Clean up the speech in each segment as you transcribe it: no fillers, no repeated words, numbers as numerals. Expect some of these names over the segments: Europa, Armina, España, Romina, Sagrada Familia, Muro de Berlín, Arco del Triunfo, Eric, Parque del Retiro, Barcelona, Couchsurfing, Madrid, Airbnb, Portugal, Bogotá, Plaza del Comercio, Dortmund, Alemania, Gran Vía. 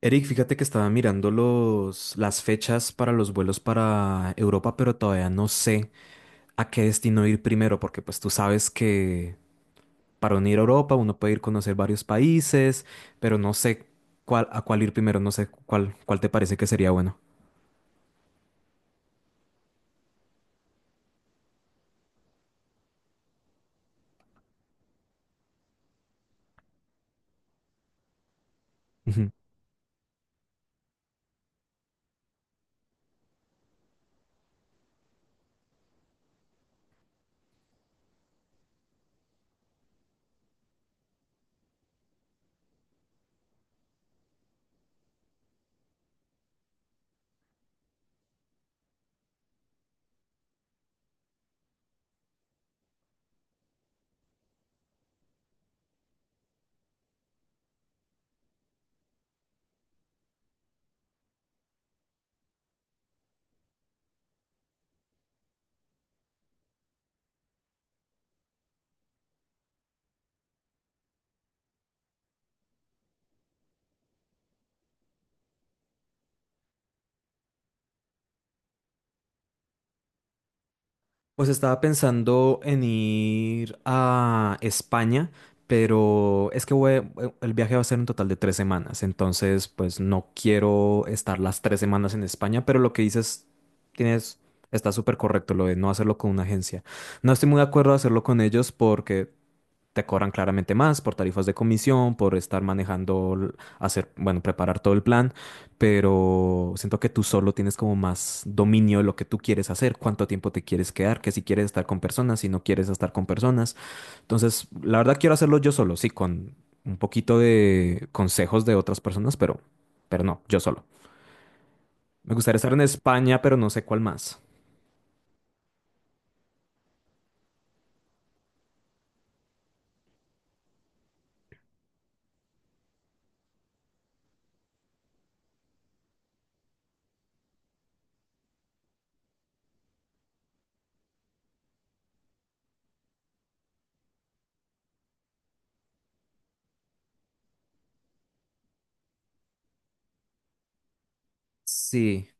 Eric, fíjate que estaba mirando las fechas para los vuelos para Europa, pero todavía no sé a qué destino ir primero, porque pues tú sabes que para unir a Europa uno puede ir a conocer varios países, pero no sé a cuál ir primero, no sé cuál te parece que sería bueno. Pues estaba pensando en ir a España, pero es que el viaje va a ser un total de 3 semanas, entonces pues no quiero estar las 3 semanas en España, pero lo que dices tienes, está súper correcto, lo de no hacerlo con una agencia. No estoy muy de acuerdo de hacerlo con ellos porque te cobran claramente más por tarifas de comisión, por estar manejando, hacer, bueno, preparar todo el plan, pero siento que tú solo tienes como más dominio de lo que tú quieres hacer, cuánto tiempo te quieres quedar, que si quieres estar con personas, si no quieres estar con personas. Entonces, la verdad quiero hacerlo yo solo, sí, con un poquito de consejos de otras personas, pero no, yo solo. Me gustaría estar en España, pero no sé cuál más. Sí.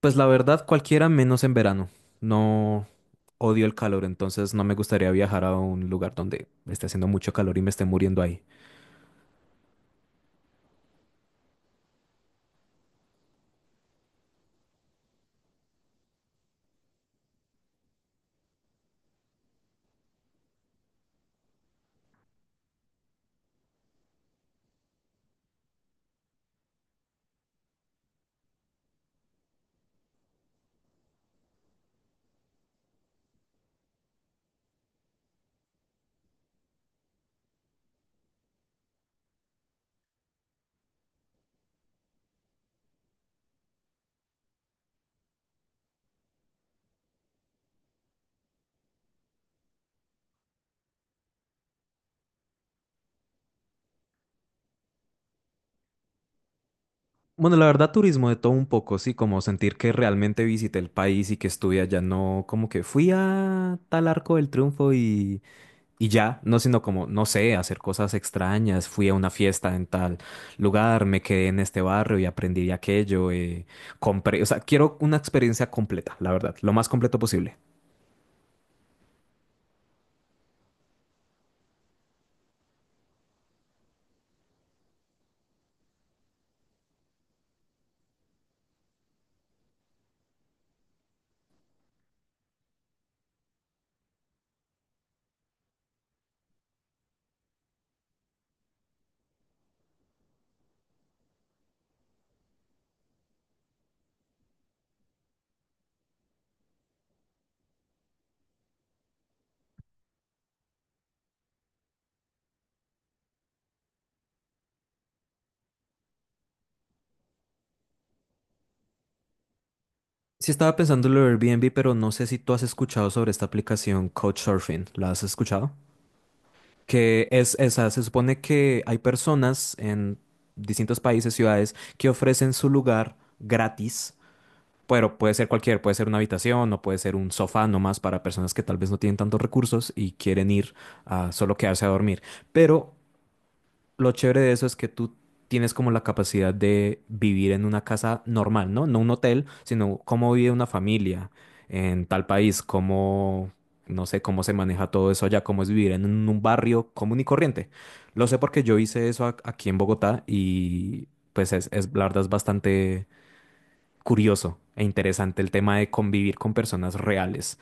Pues la verdad, cualquiera menos en verano. No, odio el calor, entonces no me gustaría viajar a un lugar donde esté haciendo mucho calor y me esté muriendo ahí. Bueno, la verdad, turismo de todo un poco, sí, como sentir que realmente visité el país y que estuve allá, no como que fui a tal Arco del Triunfo y ya, no, sino como, no sé, hacer cosas extrañas, fui a una fiesta en tal lugar, me quedé en este barrio y aprendí de aquello, compré, o sea, quiero una experiencia completa, la verdad, lo más completo posible. Sí estaba pensando en lo de Airbnb, pero no sé si tú has escuchado sobre esta aplicación Couchsurfing. ¿La has escuchado? Que es esa, se supone que hay personas en distintos países, ciudades, que ofrecen su lugar gratis, pero puede ser cualquier, puede ser una habitación o puede ser un sofá nomás para personas que tal vez no tienen tantos recursos y quieren ir a solo quedarse a dormir. Pero lo chévere de eso es que tú tienes como la capacidad de vivir en una casa normal, ¿no? No un hotel, sino cómo vive una familia en tal país, cómo, no sé, cómo se maneja todo eso allá, cómo es vivir en un barrio común y corriente. Lo sé porque yo hice eso aquí en Bogotá y pues la verdad es bastante curioso e interesante el tema de convivir con personas reales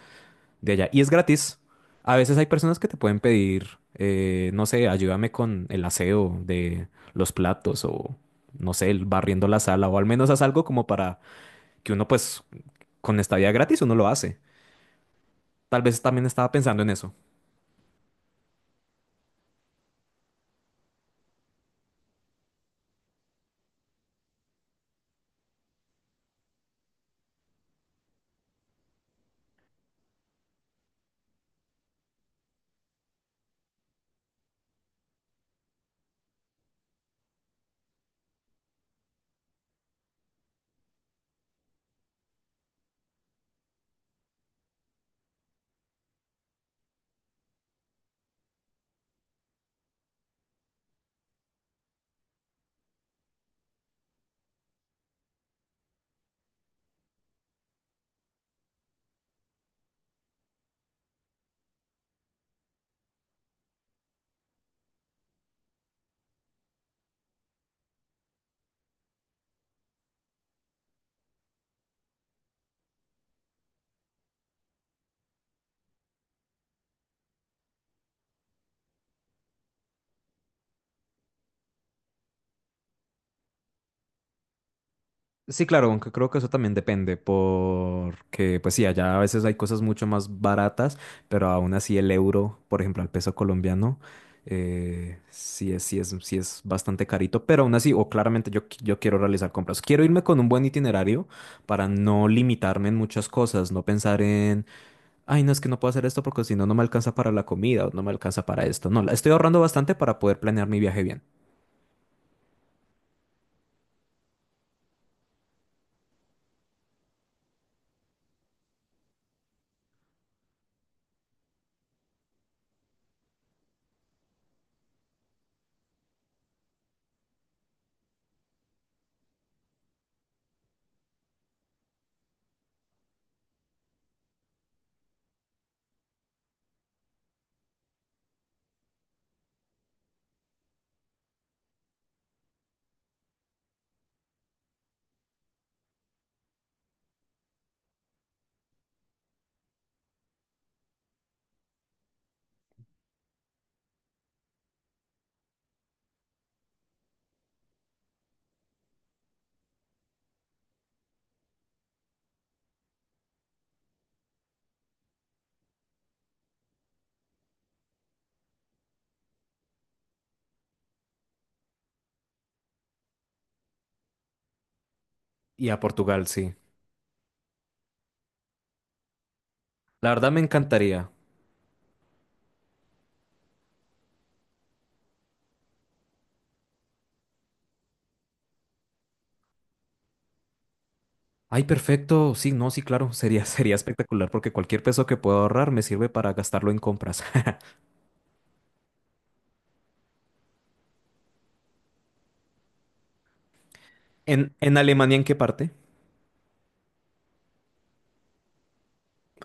de allá. Y es gratis. A veces hay personas que te pueden pedir, no sé, ayúdame con el aseo de los platos o, no sé, el barriendo la sala o al menos haz algo como para que uno, pues, con esta vida gratis uno lo hace. Tal vez también estaba pensando en eso. Sí, claro, aunque creo que eso también depende, porque pues sí, allá a veces hay cosas mucho más baratas, pero aún así el euro, por ejemplo, al peso colombiano, sí es bastante carito, pero aún así, o claramente yo quiero realizar compras. Quiero irme con un buen itinerario para no limitarme en muchas cosas, no pensar en, ay, no, es que no puedo hacer esto porque si no, no me alcanza para la comida o no me alcanza para esto. No, estoy ahorrando bastante para poder planear mi viaje bien. Y a Portugal, sí. La verdad me encantaría. Ay, perfecto. Sí, no, sí, claro. Sería, sería espectacular porque cualquier peso que pueda ahorrar me sirve para gastarlo en compras. En Alemania en qué parte?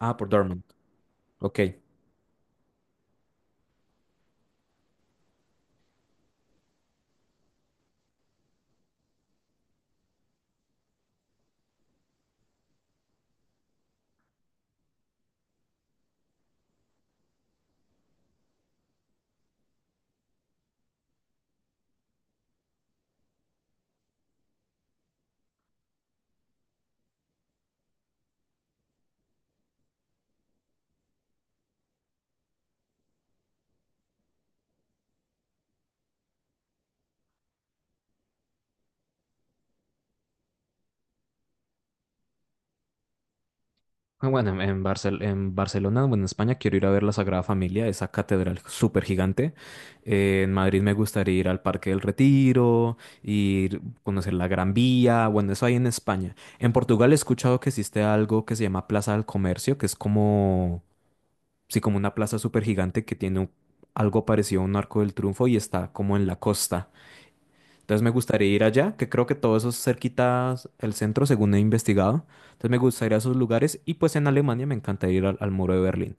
Ah, por Dortmund. Ok. Ah, bueno, en en Barcelona, bueno, en España quiero ir a ver la Sagrada Familia, esa catedral súper gigante. En Madrid me gustaría ir al Parque del Retiro, ir conocer la Gran Vía, bueno, eso hay en España. En Portugal he escuchado que existe algo que se llama Plaza del Comercio, que es como... Sí, como una plaza súper gigante que tiene algo parecido a un Arco del Triunfo y está como en la costa. Entonces me gustaría ir allá, que creo que todo eso es cerquita el centro, según he investigado. Entonces me gustaría esos lugares y pues en Alemania me encanta ir al Muro de Berlín.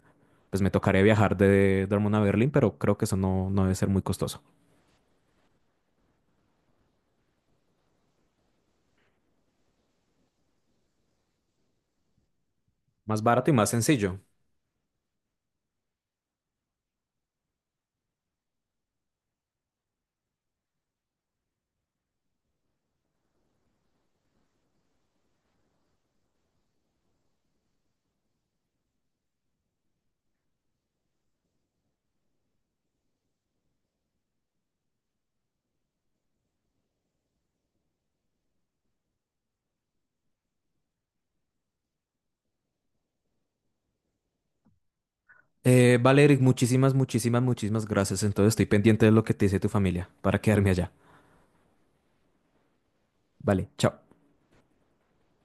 Pues me tocaría viajar de Dortmund a Berlín, pero creo que eso no, no debe ser muy costoso. Más barato y más sencillo. Vale, Eric, muchísimas gracias. Entonces estoy pendiente de lo que te dice tu familia para quedarme allá. Vale, chao.